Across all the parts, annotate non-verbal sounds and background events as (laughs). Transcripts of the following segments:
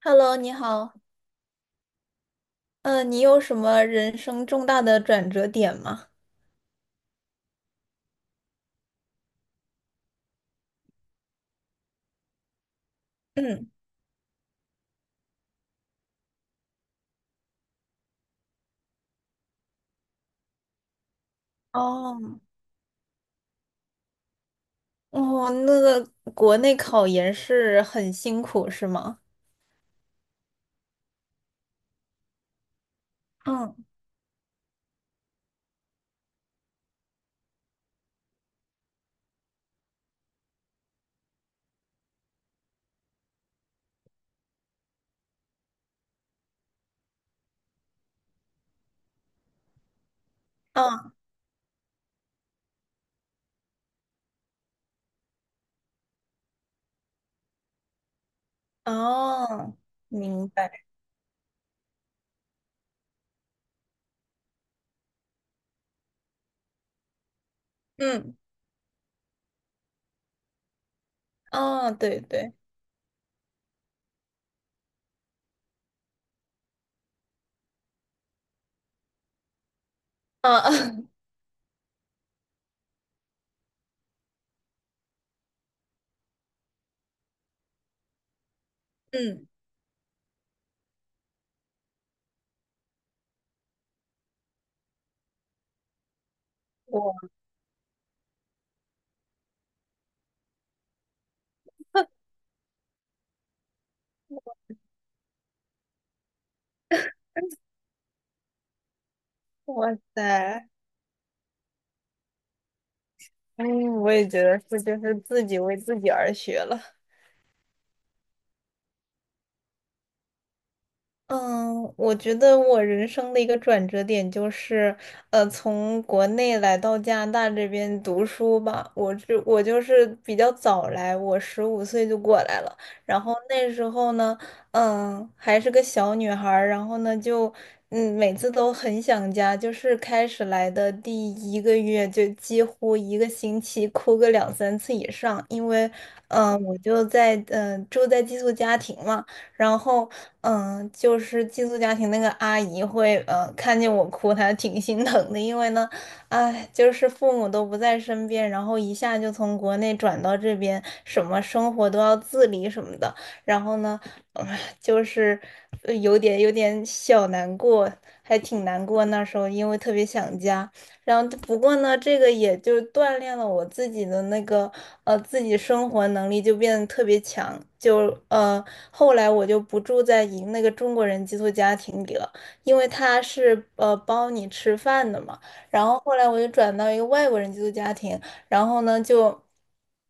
Hello，你好。嗯，你有什么人生重大的转折点吗？嗯，哦，哦，那个国内考研是很辛苦，是吗？嗯，嗯哦，明白。嗯，哦，对对，啊，(laughs) 嗯，我，哇塞，嗯，我也觉得是，就是自己为自己而学了。嗯，我觉得我人生的一个转折点就是，从国内来到加拿大这边读书吧。我就是比较早来，我15岁就过来了。然后那时候呢，嗯，还是个小女孩儿。然后呢，就嗯，每次都很想家。就是开始来的第一个月，就几乎一个星期哭个两三次以上，因为，嗯，我就在住在寄宿家庭嘛。然后嗯，就是寄宿家庭那个阿姨会，看见我哭，她挺心疼的，因为呢，哎，就是父母都不在身边，然后一下就从国内转到这边，什么生活都要自理什么的，然后呢，就是有点小难过，还挺难过。那时候因为特别想家。然后不过呢，这个也就锻炼了我自己的那个自己生活能力，就变得特别强。就后来我就不住在一那个中国人寄宿家庭里了，因为他是包你吃饭的嘛。然后后来我就转到一个外国人寄宿家庭，然后呢就，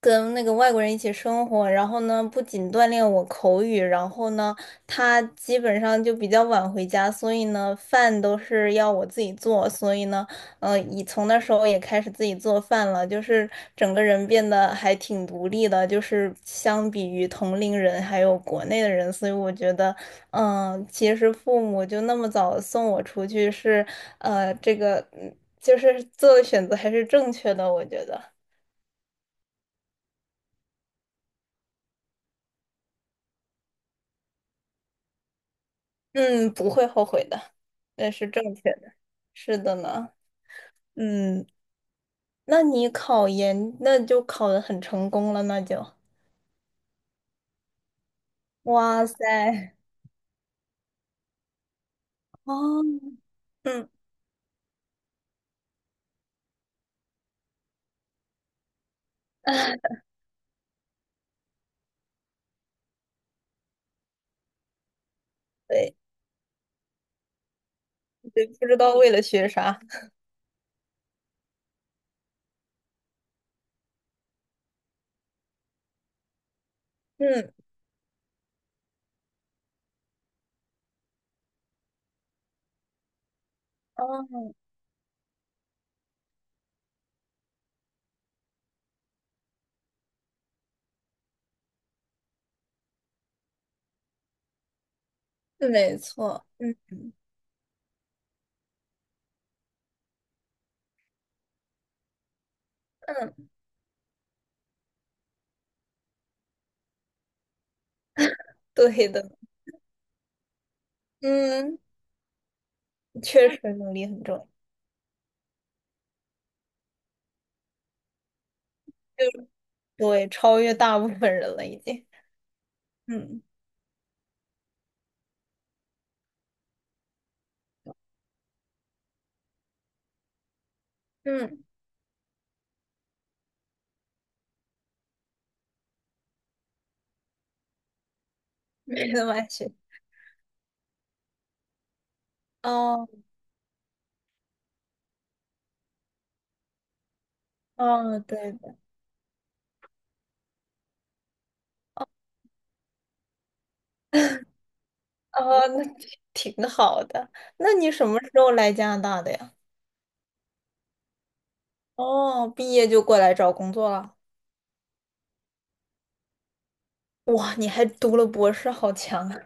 跟那个外国人一起生活，然后呢，不仅锻炼我口语，然后呢，他基本上就比较晚回家，所以呢，饭都是要我自己做，所以呢，嗯，以从那时候也开始自己做饭了，就是整个人变得还挺独立的，就是相比于同龄人还有国内的人，所以我觉得，其实父母就那么早送我出去是，这个就是做的选择还是正确的，我觉得，嗯，不会后悔的，那是正确的，是的呢，嗯，那你考研那就考得很成功了，那就，哇塞，哦，嗯。(laughs) 对。对，不知道为了学啥。嗯，哦，是没错，嗯嗯，对的，嗯，确实能力很重要，就对，超越大部分人了已经。嗯嗯，没 (laughs) 得关学，哦哦，对的，哦，那挺好的。那你什么时候来加拿大的呀？哦，毕业就过来找工作了。哇，你还读了博士，好强啊！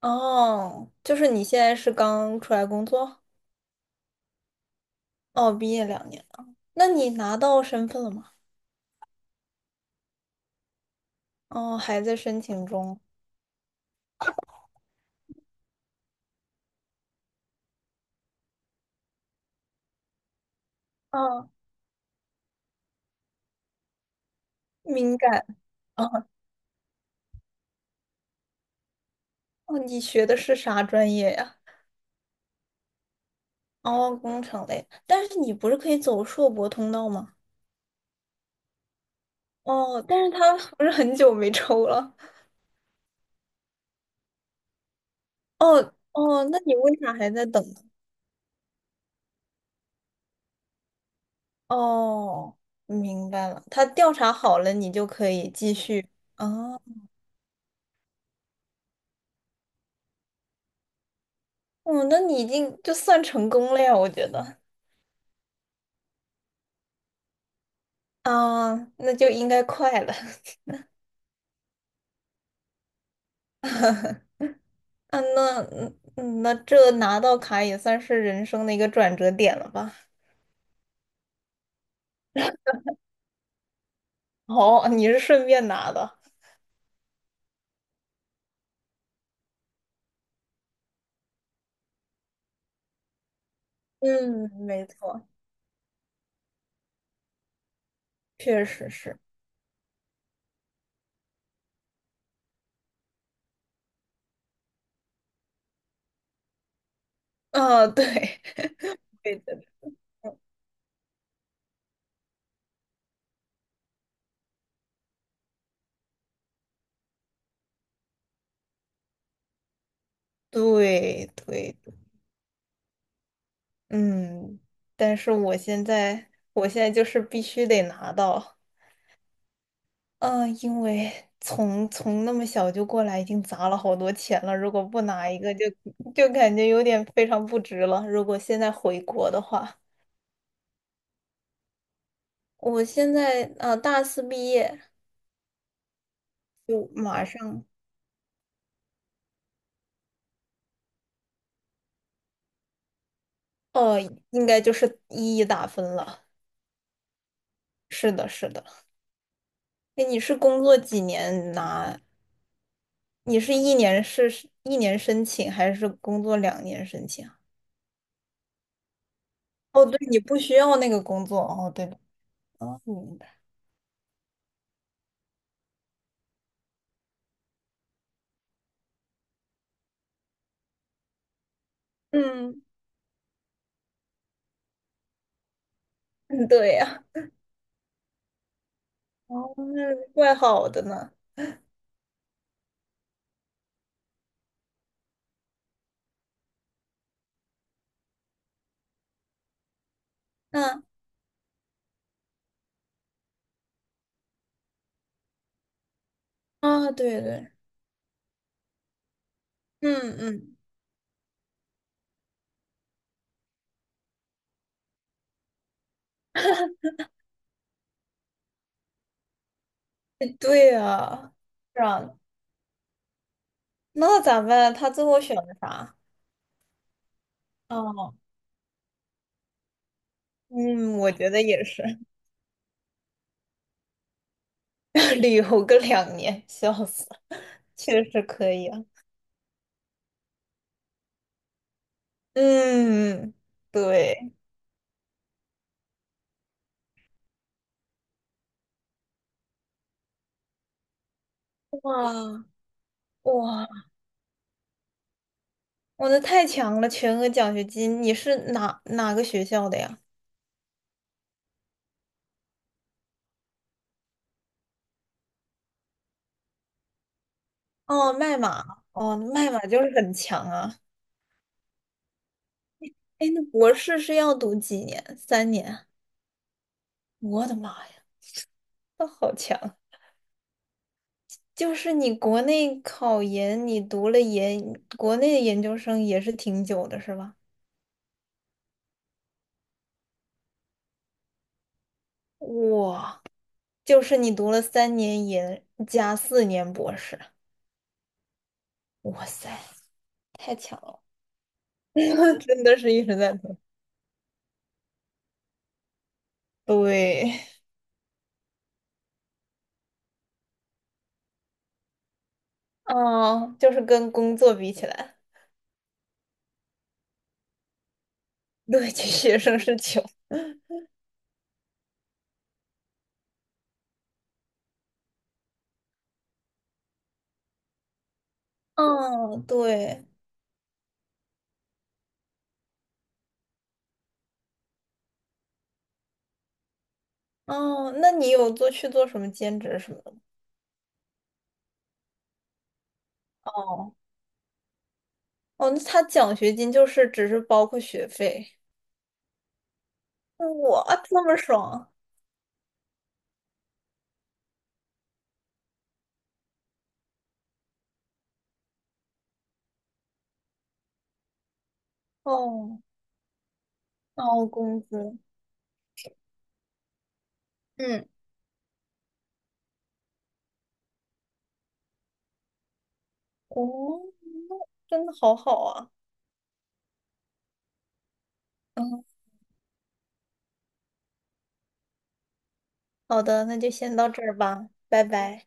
哦，就是你现在是刚出来工作？哦，毕业两年。那你拿到身份了吗？哦，还在申请中。哦，敏感。哦，哦你学的是啥专业呀？哦，工程类。但是你不是可以走硕博通道吗？哦，但是他不是很久没抽了。哦哦，那你为啥还在等呢？哦，明白了。他调查好了，你就可以继续。哦，哦，那你已经就算成功了呀，我觉得。啊，那就应该快了。(laughs) 嗯，那这拿到卡也算是人生的一个转折点了吧？(laughs) 哦，你是顺便拿的。嗯，没错，确实是。啊，对，(laughs) 对的，对对，嗯，但是我现在，我现在就是必须得拿到，嗯、因为从那么小就过来，已经砸了好多钱了，如果不拿一个就，就感觉有点非常不值了。如果现在回国的话，我现在大四毕业，就马上哦，应该就是一一打分了。是的，是的。哎，你是工作几年拿？你是一年是一年申请，还是工作两年申请啊？哦，对，你不需要那个工作。哦，对的。哦，明白。嗯，嗯对呀。哦，那怪好的呢。嗯啊，对对，嗯嗯，哎对呀，是啊，那咋办？他最后选的啥？哦嗯，我觉得也是，(laughs) 旅游个2年，笑死了。确实可以啊。嗯，对，哇，哇，我的太强了，全额奖学金，你是哪个学校的呀？哦，麦马，哦，麦马就是很强啊。哎，那博士是要读几年？三年？我的妈呀，那好强！就是你国内考研，你读了研，国内的研究生也是挺久的，是吧？哇，就是你读了三年研加4年博士，哇塞，太强了！(laughs) 真的是一直在读。对，哦，就是跟工作比起来，对，其实学生是穷。嗯，对，哦，那你有做去做什么兼职什么的吗？哦，哦，那他奖学金就是只是包括学费，哇，这么爽！哦，哦，工资，嗯，哦，真的好好啊。嗯。好的，那就先到这儿吧，拜拜。